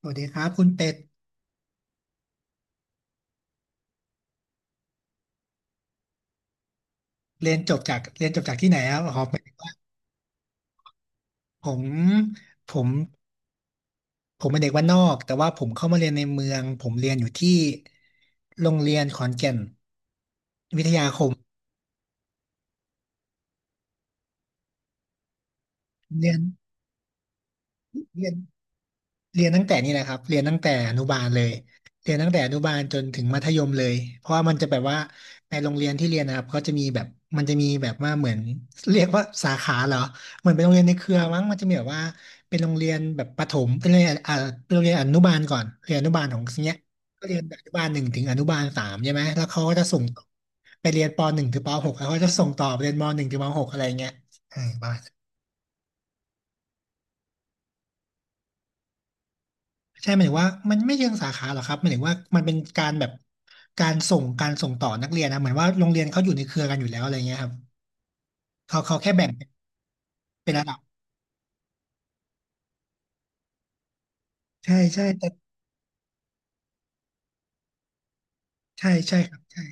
สวัสดีครับคุณเป็ดเรียนจบจากเรียนจบจากที่ไหนครับอ๋อหมายถึงว่าผมผมผมเป็นเด็กบ้านนอกแต่ว่าผมเข้ามาเรียนในเมืองผมเรียนอยู่ที่โรงเรียนขอนแก่นวิทยาคมเรียนเรียน เรียนตั้งแต่นี่แหละครับเรียนตั้งแต่อนุบาลเลยเรียนตั้งแต่อนุบาลจนถึงมัธยมเลยเพราะว่ามันจะแบบว่าในโรงเรียนที่เรียนนะครับก็จะมีแบบมันจะมีแบบว่าเหมือนเรียกว่าสาขาเหรอเหมือนเป็นโรงเรียนในเครือมั้งมันจะมีแบบว่าเป็นโรงเรียนแบบประถมเป็นโรงเรียนอนุบาลก่อนเรียนอนุบาลของเนี้ยก็เรียนอนุบาลหนึ่งถึงอนุบาลสามใช่ไหมแล้วเขาก็จะส่งต่อไปเรียนปหนึ่งถึงปหกแล้วเขาก็จะส่งต่อไปเรียนมหนึ่งถึงมหกอะไรเงี้ยเออประมาณ ใช่หมายถึงว่ามันไม่เชิงสาขาหรอกครับหมายถึงว่ามันเป็นการแบบการส่งต่อนักเรียนนะเหมือนว่าโรงเรียนเขาอยู่ในเครือกันอยู่แล้วอะไรเงี้ยครับเขาแค่แบ่งเป็นระดับใช่ใช่แต่ใช่ใช่ครับใช่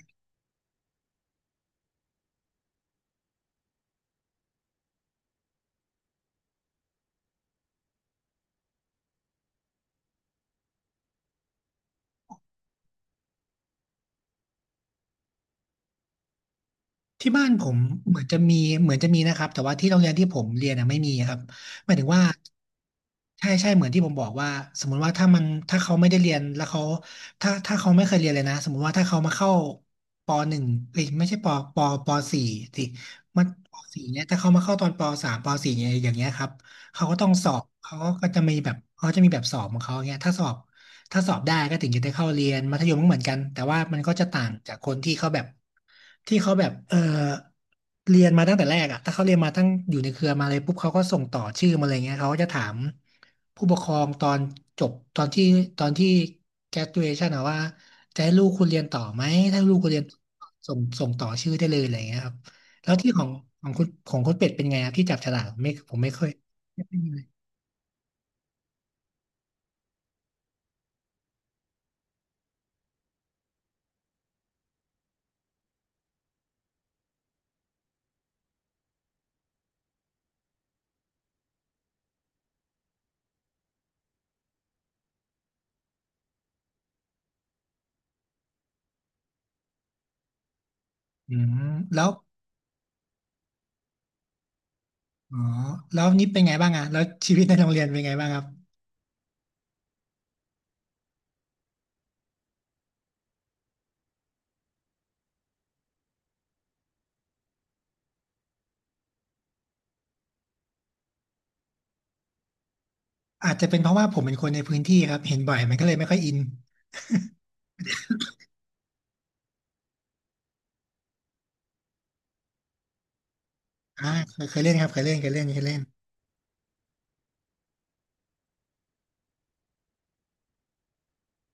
ที่บ้านผมเหมือนจะมีเหมือนจะมีนะครับแต่ว่าที่โรงเรียนที่ผมเรียนนะไม่มีครับหมายถึงว่า ใช่ใช่เหมือนที่ผมบอกว่าสมมุติว่าถ้าเขาไม่ได้เรียนแล้วเขาถ้าเขาไม่เคยเรียนเลยนะสมมุติว่าถ้าเขามาเข้าปหนึ่งเอ้ยไม่ใช่ปปสี่สิมันปสี่เนี่ยถ้าเขามาเข้าตอนปสามปสี่เนี่ยอย่างเงี้ยครับเขาก็ต้องสอบเขาก็จะมีแบบเขาจะมีแบบสอบของเขาเงี้ยถ้าสอบได้ก็ถึงจะได้เข้าเรียนมัธยมก็เหมือนกันแต่ว่ามันก็จะต่างจากคนที่เขาแบบที่เขาแบบเออ เรียนมาตั้งแต่แรกอะถ้าเขาเรียนมาตั้งอยู่ในเครือมาเลยปุ๊บเขาก็ส่งต่อชื่อมาเลยเงี้ยเขาก็จะถามผู้ปกครองตอนจบตอนที่ตอนที่ graduation อะว่าจะให้ลูกคุณเรียนต่อไหมถ้าลูกคุณเรียนต่อส่งต่อชื่อได้เลยอะไรเงี้ยครับแล้วที่ของคุณเป็ดเป็นไงครับที่จับฉลากไม่ผมไม่เคยเลยอืมแล้วอ๋อแล้วนี่เป็นไงบ้างอะแล้วชีวิตในโรงเรียนเป็นไงบ้างครับอาจจะเป็นเพราะว่าผมเป็นคนในพื้นที่ครับเห็นบ่อยมันก็เลยไม่ค่อยอินเคยเคยเล่นครับเคยเล่นเคยเล่นเคยเล่น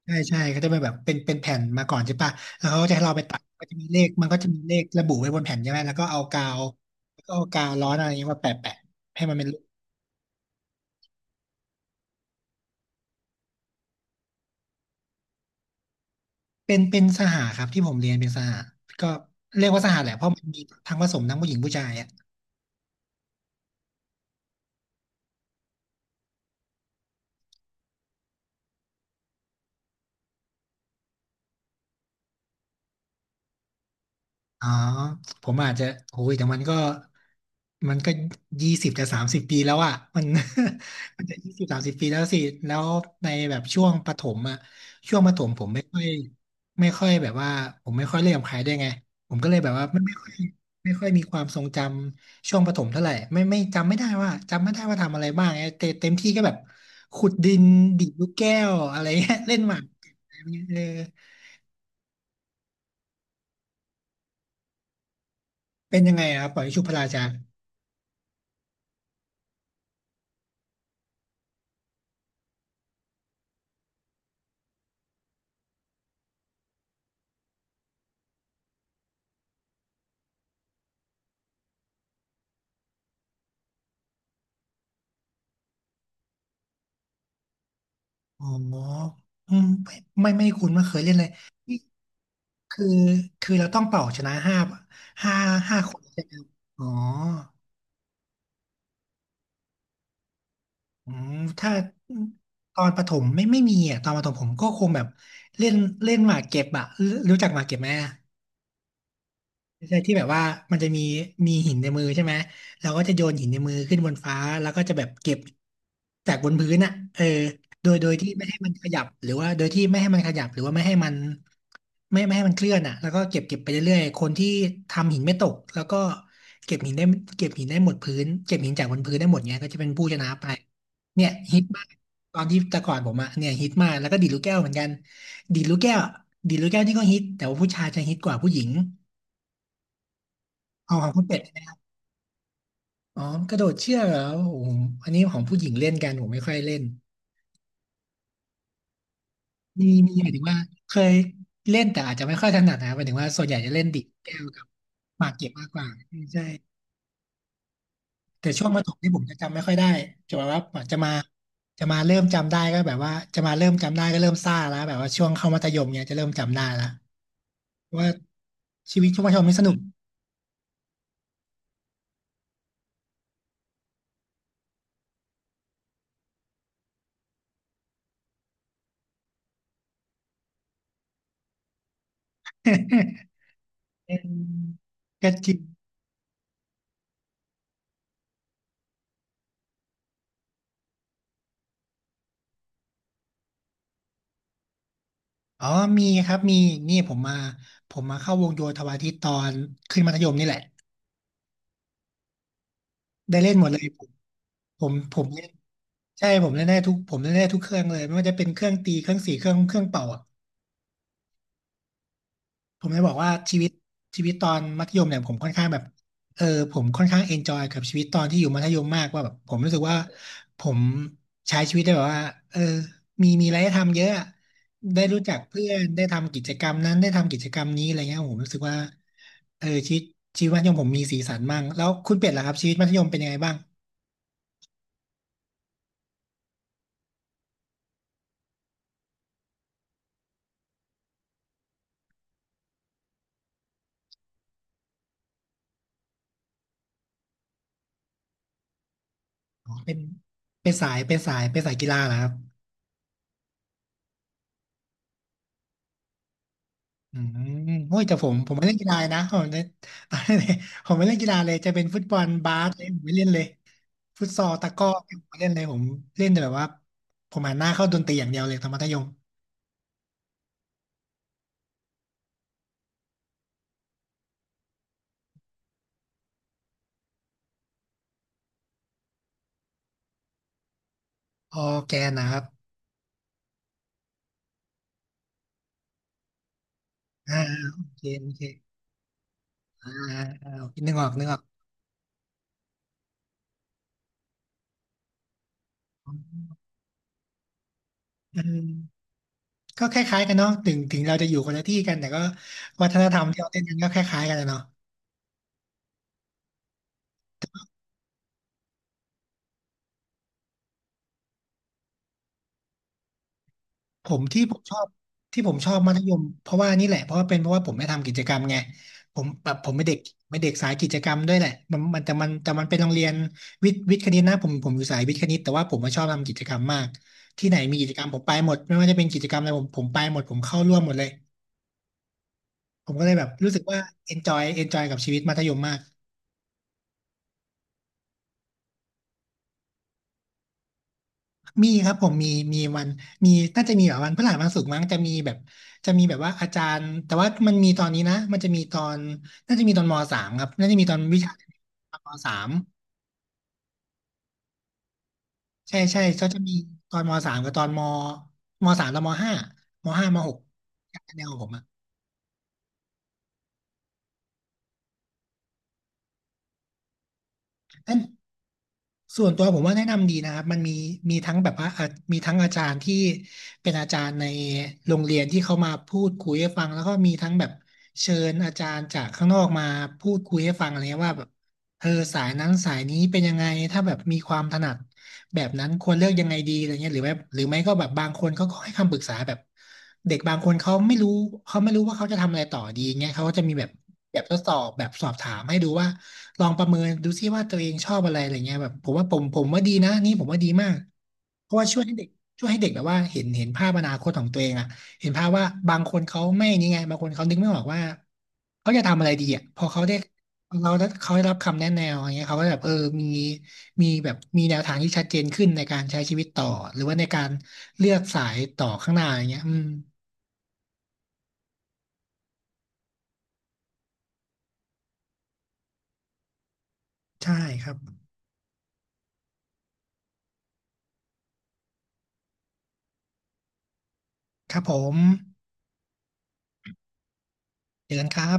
ใช่ใช่เขาจะเป็นแบบเป็นแผ่นมาก่อนใช่ปะแล้วเขาก็จะให้เราไปตัดก็จะมีเลขมันก็จะมีเลขระบุไว้บนแผ่นใช่ไหมแล้วก็เอากาวร้อนอะไรเงี้ยมาแปะแปะให้มันเป็นรูปเป็นสหครับที่ผมเรียนเป็นสหก็เรียกว่าสหแหละเพราะมันมีทั้งผสมทั้งผู้หญิงผู้ชายอะ อ๋อผมอาจจะโอ้ยแต่มันก็20 จะ 30 ปีแล้วอ่ะมัน มันจะ20 30 ปีแล้วสิแล้วในแบบช่วงประถมอ่ะช่วงประถมผมไม่ค่อยแบบว่าผมไม่ค่อยเล่นกับใครได้วยไงผมก็เลยแบบว่าไม่ค่อยมีความทรงจำช่วงประถมเท่าไหร่ไม่ไม่จำไม่ได้ว่าจำไม่ได้ว่าทำอะไรบ้างไงเต็มที่ก็แบบขุดดินดีดลูกแก้วอะไรเงี้ยเล่นหมากอะไรเงี้ยเออเป็นยังไงอะครับปล่อยชุบพระราชา อ๋ออืมไม่คุ้นไม่เคยเล่นเลยนี่คือคือเราต้องเป่าชนะห้าห้าคนใช่ไหมอ๋ออืมถ้าตอนประถมไม่มีอ่ะตอนประถมผมก็คงแบบเล่นเล่นหมากเก็บอ่ะรู้จักหมากเก็บไหมอะ ใช่ที่แบบว่ามันจะมีหินในมือใช่ไหมเราก็จะโยนหินในมือขึ้นบนฟ้าแล้วก็จะแบบเก็บจากบนพื้นอ่ะเออโดยที่ไม่ให้มันขยับหรือว่าโดยที่ไม่ให้มันขยับหรือว่าไม่ให้มันไม่ให้มันเคลื่อนอ่ะแล้วก็เก็บไปเรื่อยๆคนที่ทำหินไม่ตกแล้วก็เก็บหินได้เก็บหินได้หมดพื้นเก็บหินจากบนพื้นได้หมดเนี้ยก็จะเป็นผู้ชนะไปเนี่ยฮิตมากตอนที่แต่ก่อนผมอะเนี่ยฮิตมากแล้วก็ดีดลูกแก้วเหมือนกันดีดลูกแก้วดีดลูกแก้วนี่ก็ฮิตแต่ว่าผู้ชายจะฮิตกว่าผู้หญิง เอาของคุณเป็ดอ๋อกระโดดเชือกเหรอโอ้โหอันนี้ของผู้หญิงเล่นกันผมไม่ค่อยเล่นมีหมายถึงว่าเคยเล่นแต่อาจจะไม่ค่อยถนัดนะหมายถึงว่าส่วนใหญ่จะเล่นดิดแก้วกับหมากเก็บมากกว่าใช่แต่ช่วงประถมที่ผมจะจำไม่ค่อยได้จะแบบว่าจะมาจะมาเริ่มจำได้ก็เริ่มซ่าแล้วแบบว่าช่วงเข้ามัธยมเนี่ยจะเริ่มจำได้แล้วว่าชีวิตช่วงมัธยมนี่สนุก เออก็จริง อ๋อมีครับมีนี่ผมมาผมมาเข้าวงโยธวาทิตตอนขึ้นมัธยมนี่แหละได้เล่นหมดเลยผมผมผมเล่นใช่ผมเล่นได้ทุกเครื่องเลยไม่ว่าจะเป็นเครื่องตีเครื่องสีเครื่องเป่า ผมจะบอกว่าชีวิตตอนมัธยมเนี่ยผมค่อนข้างแบบเออผมค่อนข้างเอนจอยกับชีวิตตอนที่อยู่มัธยมมากว่าแบบผมรู้สึกว่าผมใช้ชีวิตได้แบบว่าเอมีอะไรให้ทำเยอะอะได้รู้จักเพื่อนได้ทำกิจกรรมนั้นได้ทำกิจกรรมนี้อะไรเงี้ยผมรู้สึกว่าเออชีวิตมัธยมผมมีสีสันมากแล้วคุณเป็ดล่ะครับชีวิตมัธยมเป็นยังไงบ้างอ๋อเป็นเป็นสายกีฬาเหรอครับ อืมโอ้ยแต่ผมไม่เล่นกีฬานะผมไม่เล่นกีฬาเลยจะเป็นฟุตบอลบาสเลยผมไม่เล่นเลยฟุตซอลตะกร้อผมไม่เล่นเลยผมเล่นแต่แบบว่าผมหันหน้าเข้าดนตรีอย่างเดียวเลยตอนมัธยมออร์แกนนะครับอ่าโอเคโอเคอ่าอ่านึกออกอืมก็คล้ายๆกันเนาะถึงเราจะอยู่คนละที่กันแต่ก็วัฒนธรรมที่เราเล่นกันก็คล้ายๆกันอะเนาะ ผมที่ผมชอบที่ผมชอบมัธยมเพราะว่านี่แหละเพราะว่าผมไม่ทำกิจกรรมไงผมแบบผมไม่เด็กสายกิจกรรมด้วยแหละมันแต่มันเป็นโรงเรียนวิทย์คณิตนะผมอยู่สายวิทย์คณิตแต่ว่าผมมาชอบทำกิจกรรมมากที่ไหนมีกิจกรรมผมไปหมดไม่ว่าจะเป็นกิจกรรมอะไรผมไปหมดผมเข้าร่วมหมดเลยผมก็เลยแบบรู้สึกว่า enjoy กับชีวิตมัธยมมาก มีครับผมมีมีวันมีน่าจะมีแบบวันพฤหัสวันศุกร์มั้งจะมีแบบจะมีแบบว่าอาจารย์แต่ว่ามันมีตอนนี้นะมันจะมีตอนน่าจะมีตอนมสามครับน่าจะมีตอนวิชาตอนมสามใช่ใช่เขาจะมีตอนมสามกับตอนมมสามตอนมห้ามหกแนวของผมอ่ะน ส่วนตัวผมว่าแนะนำดีนะครับมันมีมีทั้งแบบว่าอ่ะมีทั้งอาจารย์ที่เป็นอาจารย์ในโรงเรียนที่เขามาพูดคุยให้ฟังแล้วก็มีทั้งแบบเชิญอาจารย์จากข้างนอกมาพูดคุยให้ฟังอะไรเงี้ยว่าแบบเออสายนั้นสายนี้เป็นยังไงถ้าแบบมีความถนัด แบบนั้นควรเลือกยังไงดีอะไรเงี้ยหรือแบบหรือไม่ก็แบบบางคนเขาก็ให้คำปรึกษาแบบเด็กบางคนเขาไม่รู้เขาไม่รู้ว่าเขาจะทำอะไรต่อดีเงี้ยเขาก็จะมีแบบแบบทดสอบแบบสอบถามให้ดูว่าลองประเมินดูซิว่าตัวเองชอบอะไรอะไรเงี้ยแบบผมว่าดีนะนี่ผมว่าดีมากเพราะว่าช่วยให้เด็กแบบว่าเห็นภาพอนาคตของตัวเองอะเห็นภาพว่าบางคนเขาไม่นี่ไงบางคนเขานึกไม่ออกว่าเขาจะทำอะไรดีอ่ะพอเขาได้ เขาได้รับคำแนะแนวอย่างเงี้ยเขาก็แบบเออมีมีแบบมีแนวทางที่ชัดเจนขึ้นในการใช้ชีวิตต่อหรือว่าในการเลือกสายต่อข้างหน้าอย่างเงี้ยอืมใช่ครับครับผมเจอกันครับ